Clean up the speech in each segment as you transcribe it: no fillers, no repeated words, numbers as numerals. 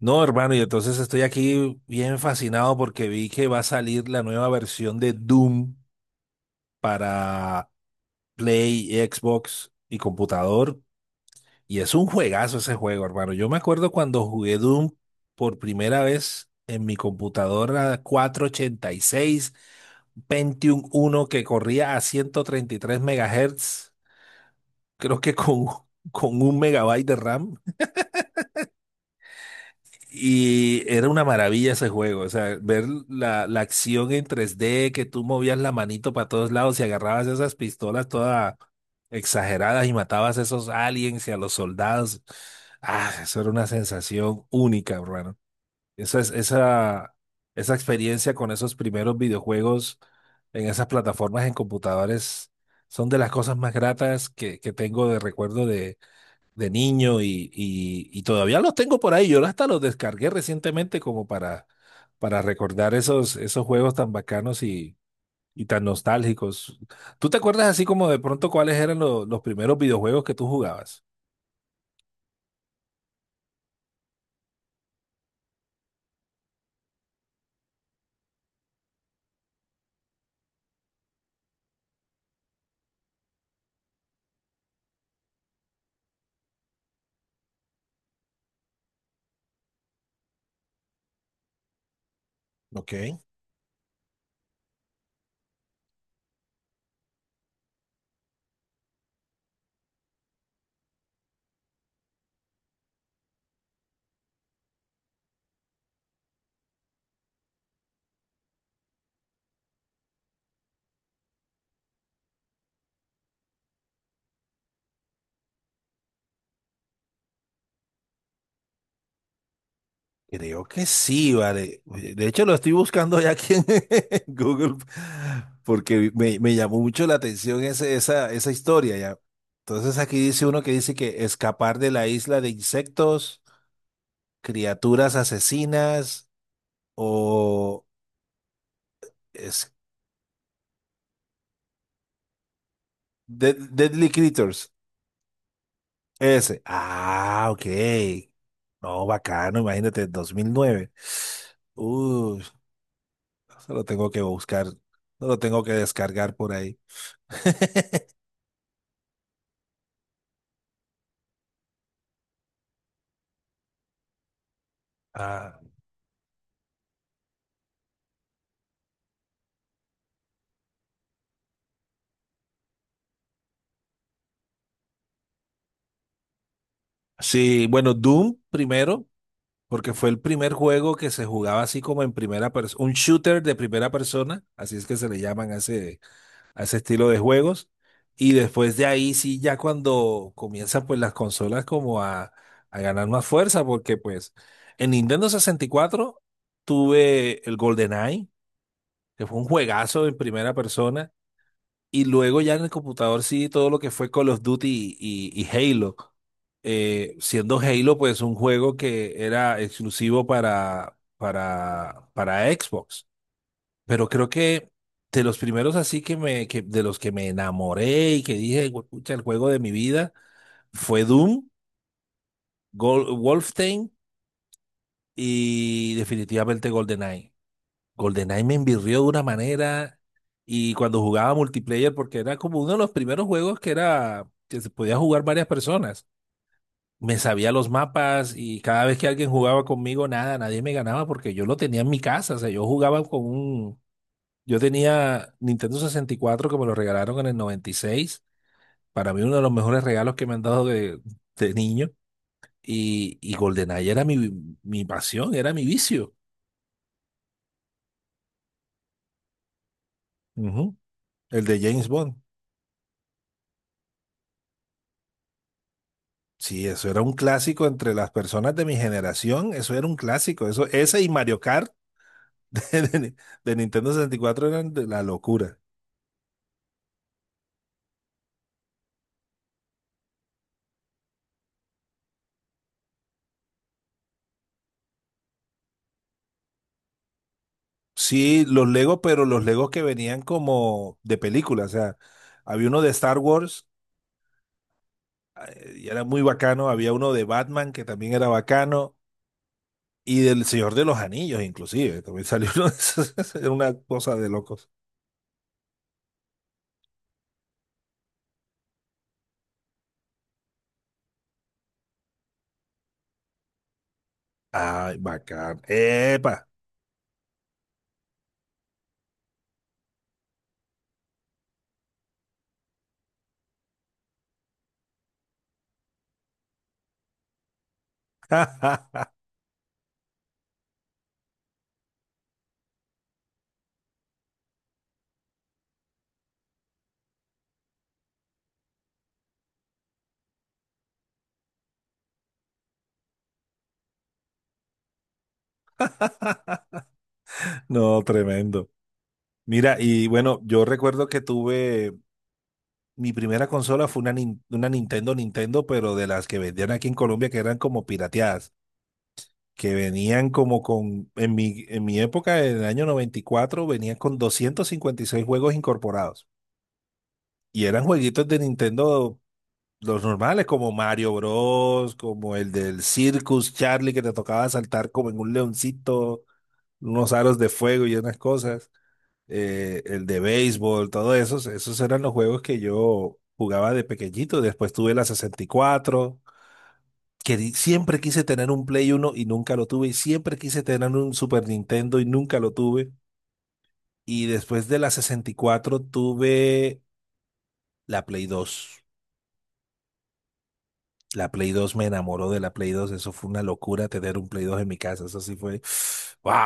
No, hermano, y entonces estoy aquí bien fascinado porque vi que va a salir la nueva versión de Doom para Play, Xbox y computador. Y es un juegazo ese juego, hermano. Yo me acuerdo cuando jugué Doom por primera vez en mi computadora cuatrocientos ochenta y seis Pentium uno que corría a 133 megahertz, creo que con un megabyte de RAM. Y era una maravilla ese juego, o sea, ver la acción en 3D, que tú movías la manito para todos lados y agarrabas esas pistolas todas exageradas y matabas a esos aliens y a los soldados. Ah, eso era una sensación única, hermano. Esa, es- esa, esa experiencia con esos primeros videojuegos en esas plataformas en computadores son de las cosas más gratas que tengo de recuerdo de niño y todavía los tengo por ahí. Yo hasta los descargué recientemente como para recordar esos juegos tan bacanos y tan nostálgicos. ¿Tú te acuerdas así como de pronto cuáles eran los primeros videojuegos que tú jugabas? Ok. Creo que sí, vale. Oye, de hecho, lo estoy buscando ya aquí en Google porque me llamó mucho la atención esa historia ya. Entonces aquí dice uno que dice que escapar de la isla de insectos, criaturas asesinas o es- Deadly Creatures. Ese. Ah, ok. No, bacano, imagínate, dos mil nueve. Uy, eso lo tengo que buscar, no lo tengo que descargar por ahí. Ah, sí, bueno, Doom primero, porque fue el primer juego que se jugaba así como en primera persona, un shooter de primera persona, así es que se le llaman hace a ese estilo de juegos. Y después de ahí sí, ya cuando comienzan pues las consolas como a ganar más fuerza, porque pues en Nintendo sesenta y cuatro tuve el GoldenEye, que fue un juegazo en primera persona, y luego ya en el computador sí todo lo que fue Call of Duty y Halo. Siendo Halo pues un juego que era exclusivo para Xbox. Pero creo que de los primeros así que de los que me enamoré y que dije, pucha, el juego de mi vida fue Doom, Wolfenstein y definitivamente GoldenEye. GoldenEye me envirrió de una manera y cuando jugaba multiplayer, porque era como uno de los primeros juegos que se podía jugar varias personas. Me sabía los mapas y cada vez que alguien jugaba conmigo, nada, nadie me ganaba porque yo lo tenía en mi casa. O sea, yo jugaba yo tenía Nintendo sesenta y cuatro que me lo regalaron en el noventa y seis. Para mí uno de los mejores regalos que me han dado de niño. Y GoldenEye era mi pasión, era mi vicio. Ujú. El de James Bond. Sí, eso era un clásico entre las personas de mi generación. Eso era un clásico. Eso, ese y Mario Kart de, de- de Nintendo sesenta y cuatro eran de la locura. Sí, los Legos, pero los Legos que venían como de película. O sea, había uno de Star Wars, y era muy bacano. Había uno de Batman que también era bacano y del Señor de los Anillos, inclusive. También salió uno de esos. Era una cosa de locos. Ay, bacán. ¡Epa! No, tremendo. Mira, y bueno, yo recuerdo que tuve. Mi primera consola fue una Nintendo, pero de las que vendían aquí en Colombia, que eran como pirateadas, que venían como en mi época, en el año 94 venían con 256 juegos incorporados. Y eran jueguitos de Nintendo. Los normales, como Mario Bros, como el del Circus Charlie, que te tocaba saltar como en un leoncito, unos aros de fuego y unas cosas. El de béisbol, todo esos eran los juegos que yo jugaba de pequeñito. Después tuve la 64, siempre quise tener un Play Uno y nunca lo tuve. Y siempre quise tener un Super Nintendo y nunca lo tuve. Y después de la 64 tuve la Play 2. La Play 2 me enamoró de la Play 2. Eso fue una locura tener un Play 2 en mi casa. Eso sí fue. ¡Wow!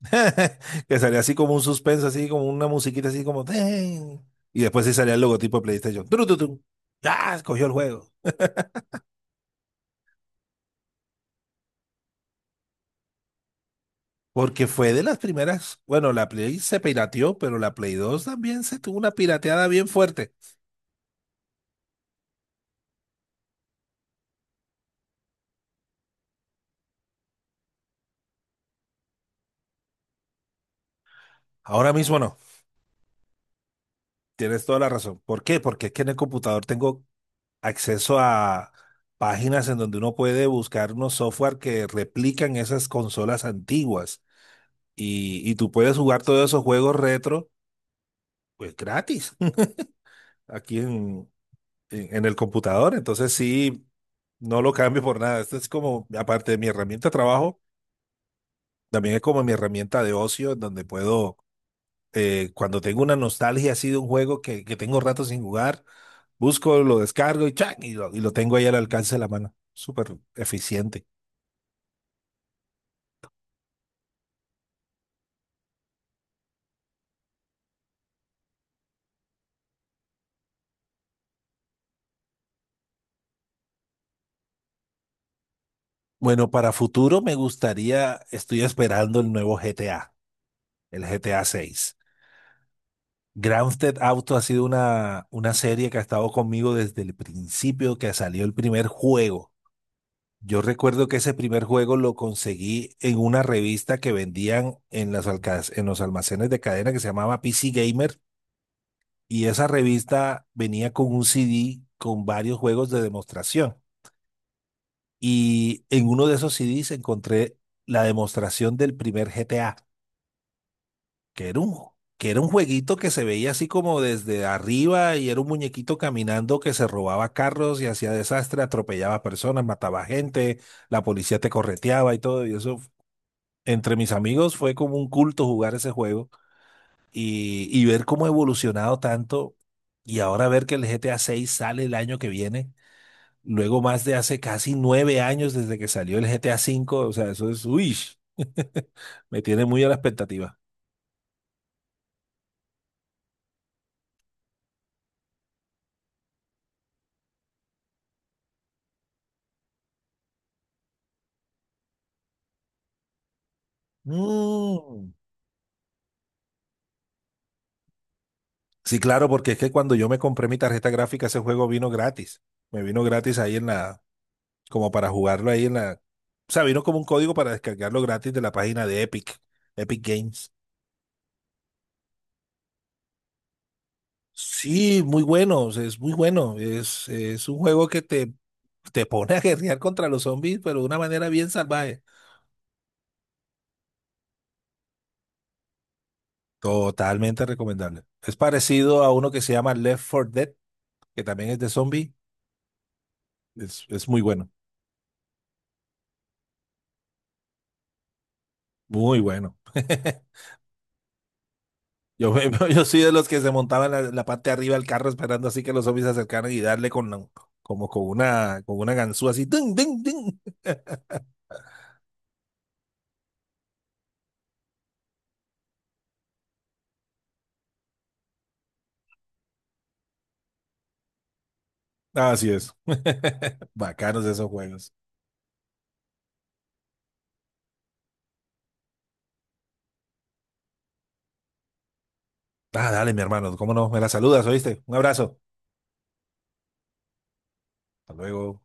Que salía así como un suspenso, así como una musiquita, así como, "Ten". Y después sí salía el logotipo de PlayStation. ¡Tru, tu, tu! ¡Ah! Cogió el juego. Porque fue de las primeras. Bueno, la Play se pirateó, pero la Play 2 también se tuvo una pirateada bien fuerte. Ahora mismo no. Tienes toda la razón. ¿Por qué? Porque es que en el computador tengo acceso a páginas en donde uno puede buscar unos software que replican esas consolas antiguas y tú puedes jugar todos esos juegos retro pues gratis aquí en el computador. Entonces sí, no lo cambio por nada. Esto es como, aparte de mi herramienta de trabajo, también es como mi herramienta de ocio en donde cuando tengo una nostalgia así de un juego que tengo rato sin jugar, busco, lo descargo y, ¡chac! Y lo tengo ahí al alcance de la mano. Súper eficiente. Bueno, para futuro me gustaría, estoy esperando el nuevo GTA, el GTA 6. Grand Theft Auto ha sido una serie que ha estado conmigo desde el principio que salió el primer juego. Yo recuerdo que ese primer juego lo conseguí en una revista que vendían en las en los almacenes de cadena que se llamaba PC Gamer y esa revista venía con un CD con varios juegos de demostración. Y en uno de esos CDs encontré la demostración del primer GTA, que era un, que era un jueguito que se veía así como desde arriba y era un muñequito caminando que se robaba carros y hacía desastre, atropellaba personas, mataba gente, la policía te correteaba y todo. Y eso, entre mis amigos, fue como un culto jugar ese juego y ver cómo ha evolucionado tanto y ahora ver que el GTA 6 sale el año que viene. Luego más de hace casi nueve años desde que salió el GTA cinco, o sea, eso es, uy, me tiene muy a la expectativa. Mm. Sí, claro, porque es que cuando yo me compré mi tarjeta gráfica, ese juego vino gratis. Me vino gratis ahí en la, como para jugarlo ahí en la, o sea, vino como un código para descargarlo gratis de la página de Epic, Epic Games. Sí, muy bueno, o sea, es muy bueno. Es un juego que te pone a guerrear contra los zombies, pero de una manera bien salvaje. Totalmente recomendable. Es parecido a uno que se llama Left 4 Dead, que también es de zombie. Es muy bueno, muy bueno. Yo, me- yo soy de los que se montaban la parte de arriba del carro esperando así que los zombies se acercaran y darle con la- como con una ganzúa así. ¡Ding, ding, ding! Así es. Bacanos esos juegos. Ah, dale, mi hermano, cómo no, me la saludas, ¿oíste? Un abrazo. Hasta luego.